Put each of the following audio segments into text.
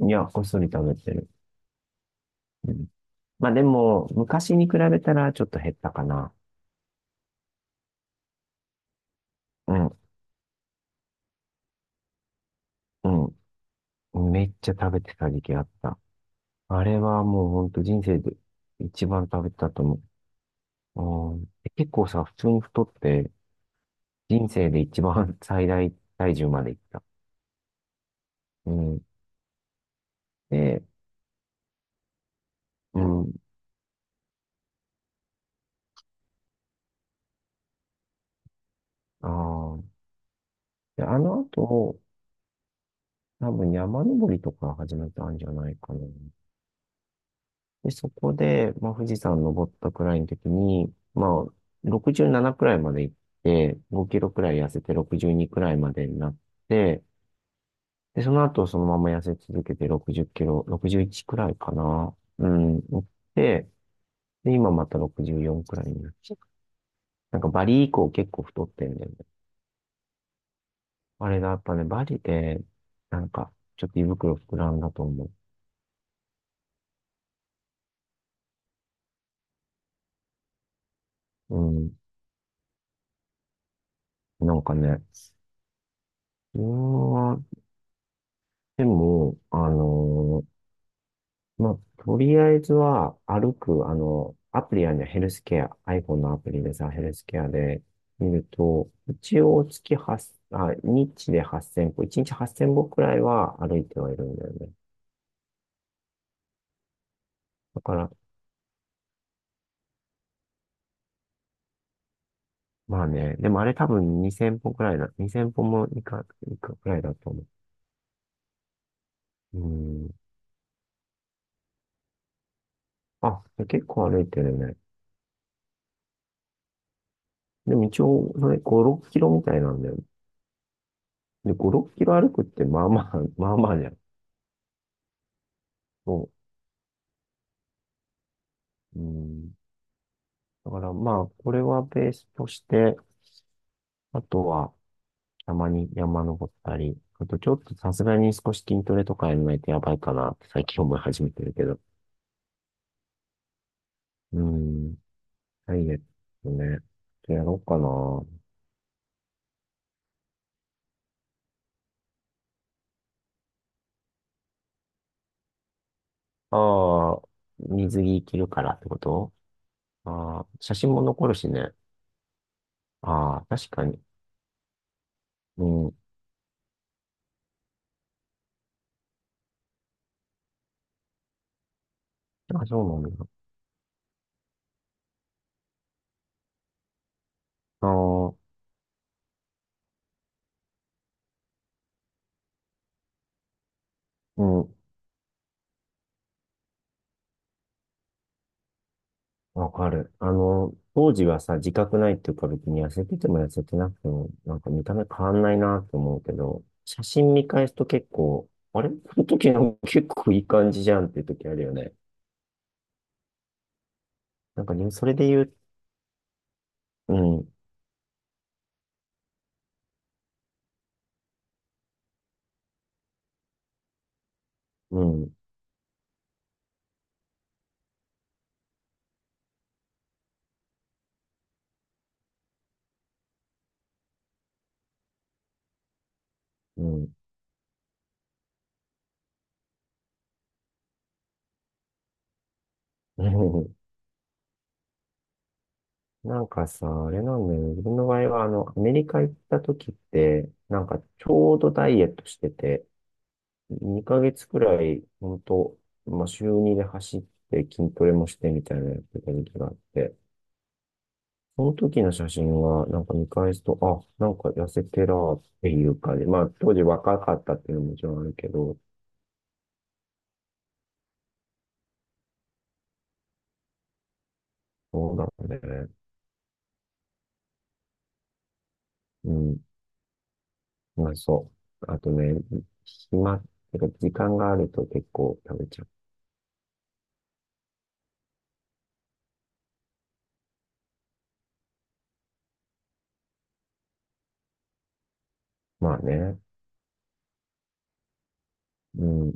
いや、こっそり食べてる。うん、まあでも、昔に比べたらちょっと減ったかな。うん、うん。めっちゃ食べてた時期あった。あれはもうほんと人生で一番食べてたと思う。うん、結構さ、普通に太って、人生で一番 最大体重までいった。うん。で、うん。ああ。で、あの後、多分山登りとか始めたんじゃないかな。で、そこで、まあ、富士山登ったくらいの時に、まあ、67くじゅうななくらいまで行って、5キロくらい痩せて62くじゅうにくらいまでになって、で、その後そのまま痩せ続けて60キロ、61くじゅういちくらいかな。うん、行って、で、今また64くじゅうよんくらいになって。なんかバリ以降結構太ってんだよね。あれだ、やっぱね、バリで、なんか、ちょっと胃袋膨らんだと思う。うん、なんかね、うーんでも、ーまあ、とりあえずは歩く、あの、アプリやね、ヘルスケア、iPhone のアプリでさ、ヘルスケアで見ると、一応月8、あ、日で8000歩、1日8000歩くらいは歩いてはいるんだよね。だから、まあね、でもあれ多分2000歩くらいだ、2000歩もいくくらいだと思う。うん。あ、結構歩いてるね。でも一応、それ5、6キロみたいなんだよ。で、5、6キロ歩くってまあまあ、まあまあじゃん。そう。うん。だからまあ、これはベースとして、あとはたまに山登ったり、あとちょっとさすがに少し筋トレとかやらないとやばいかなって最近思い始めてるけど。うーん、ダイエットね。やろうかな。ああ、水着着るからってこと？ああ、写真も残るしね。ああ、確かに。うん、あ、そうなんだ。ああ、うん。わかる。あの、当時はさ、自覚ないっていうか別に痩せてても痩せてなくても、なんか見た目変わんないなって思うけど、写真見返すと結構、あれこの時の結構いい感じじゃんっていう時あるよね。なんかね、それで言う、うん、うん、うん、うん。なんかさ、あれなんだよね。自分の場合は、あの、アメリカ行った時って、なんかちょうどダイエットしてて、2ヶ月くらい、ほんと、まあ、週2で走って筋トレもしてみたいなやってた時期があって、その時の写真は、なんか見返すと、あ、なんか痩せてらーっていうかじまあ当時若かったっていうのももちろんあるけど、そうだね。うん、まあそう。あとね、暇っていうか時間があると結構食べちゃう。まあね。うん。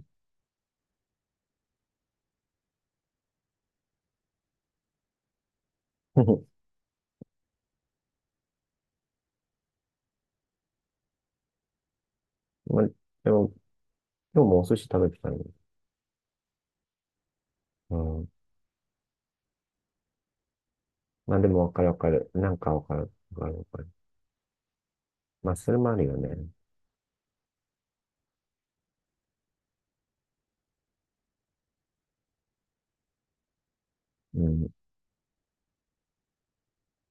まあ、でも、今日もお寿司食べてたの。うん。まあでもわかるわかる。なんかわかる。わかるわかる。まあそれもあるよね。うん。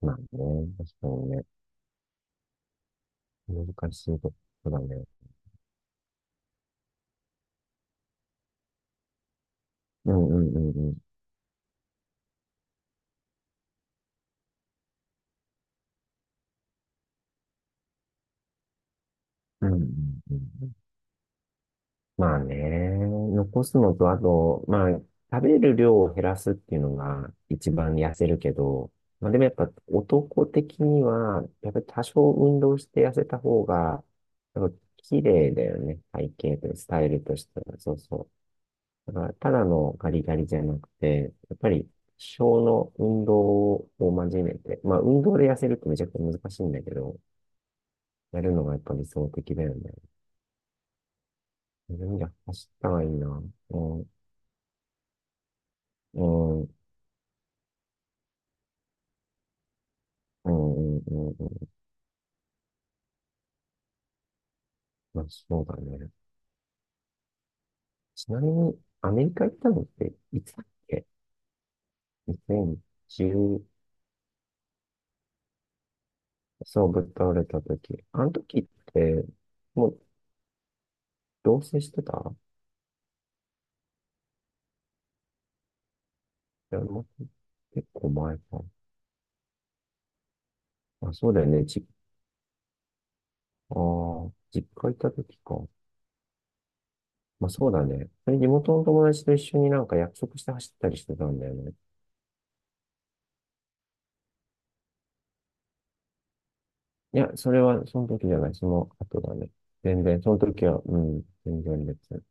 まあね、確かにね。難しいとこだね。うんうんうんうん。うんうんうん、まあね、残すのと、あと、まあ、食べる量を減らすっていうのが一番痩せるけど、まあでもやっぱ男的には、やっぱり多少運動して痩せた方が、やっぱ綺麗だよね。体型とスタイルとしては。そうそう。だからただのガリガリじゃなくて、やっぱり小の運動を真面目で、まあ運動で痩せるってめちゃくちゃ難しいんだけど、やるのがやっぱ理想的だよね。いや、走ったらいいな。うん、うん、うん、うん、うん。うん、まあ、そうだね。ちなみに、アメリカ行ったのって、いつだっけ ?2010、そう、ぶっ倒れた時。あの時って、もう、同棲してた？いや、もう結構前か。あ、そうだよね。ああ、実家行った時か。まあ、そうだね。それ地元の友達と一緒になんか約束して走ったりしてたんだよね。いや、それはその時じゃない、その後だね。全然、その時は、うん、全然別。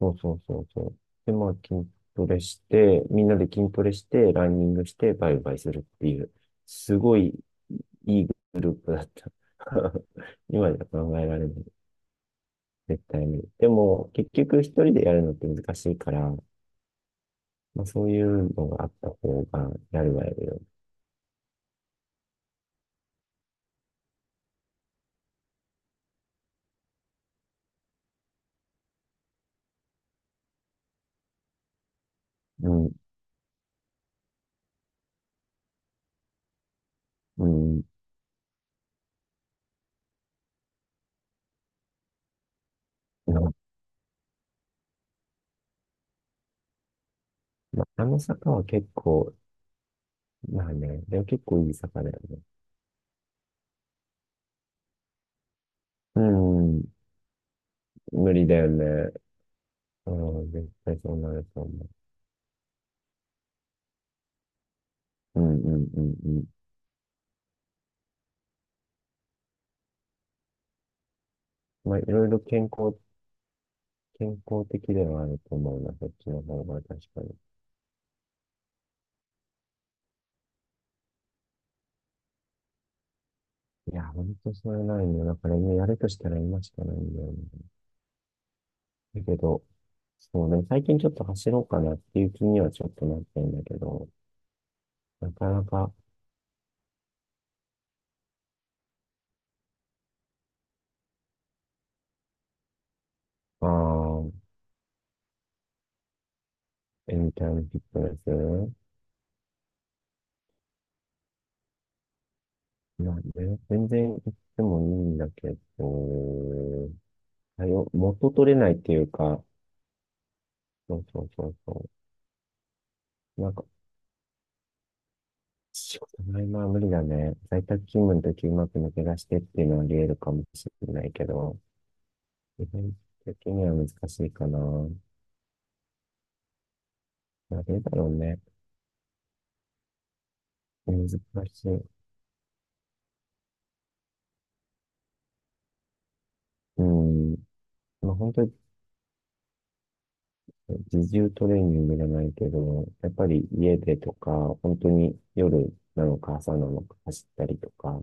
そうそうそうそう。で、まあ、筋トレして、みんなで筋トレして、ランニングして、バイバイするっていう、すごいいいグループだった。今じゃ考えられない、絶対に。でも、結局一人でやるのって難しいから、まあ、そういうのがあった方が、やるはやるよ。うん、うん。まあ、あの坂は結構、まあね、でも結構いい坂だよね。うん、無理だよね。うん、絶対そうなると思う。うん、うん、うん、うん。まあ、いろいろ健康的ではあると思うな、そっちの方が確かに。いや、ほんとそれないんだよ。だから今やるとしたら今しかないんだよね。だけど、そうね、最近ちょっと走ろうかなっていう気にはちょっとなってんだけど、なかなか、ああ、エニタイムフィットネス。いや、ね、全然行ってもいいんだけど、はよ元取れないっていうか、そうそうそうそう。なんか、仕事の合間は無理だね。在宅勤務の時うまく抜け出してっていうのはあり得るかもしれないけど、基本的には難しいかな。なあ、どだろうね。難しい。うん。まあ、本当に自重トレーニングじゃないけど、やっぱり家でとか、本当に夜なのか朝なのか走ったりとか、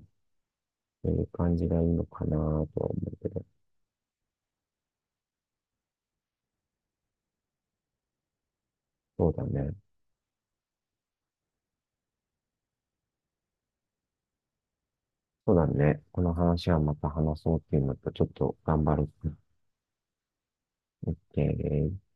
そういう感じがいいのかなとは思うけど、そうだね。そうだね。この話はまた話そうっていうのと、ちょっと頑張る。OK です。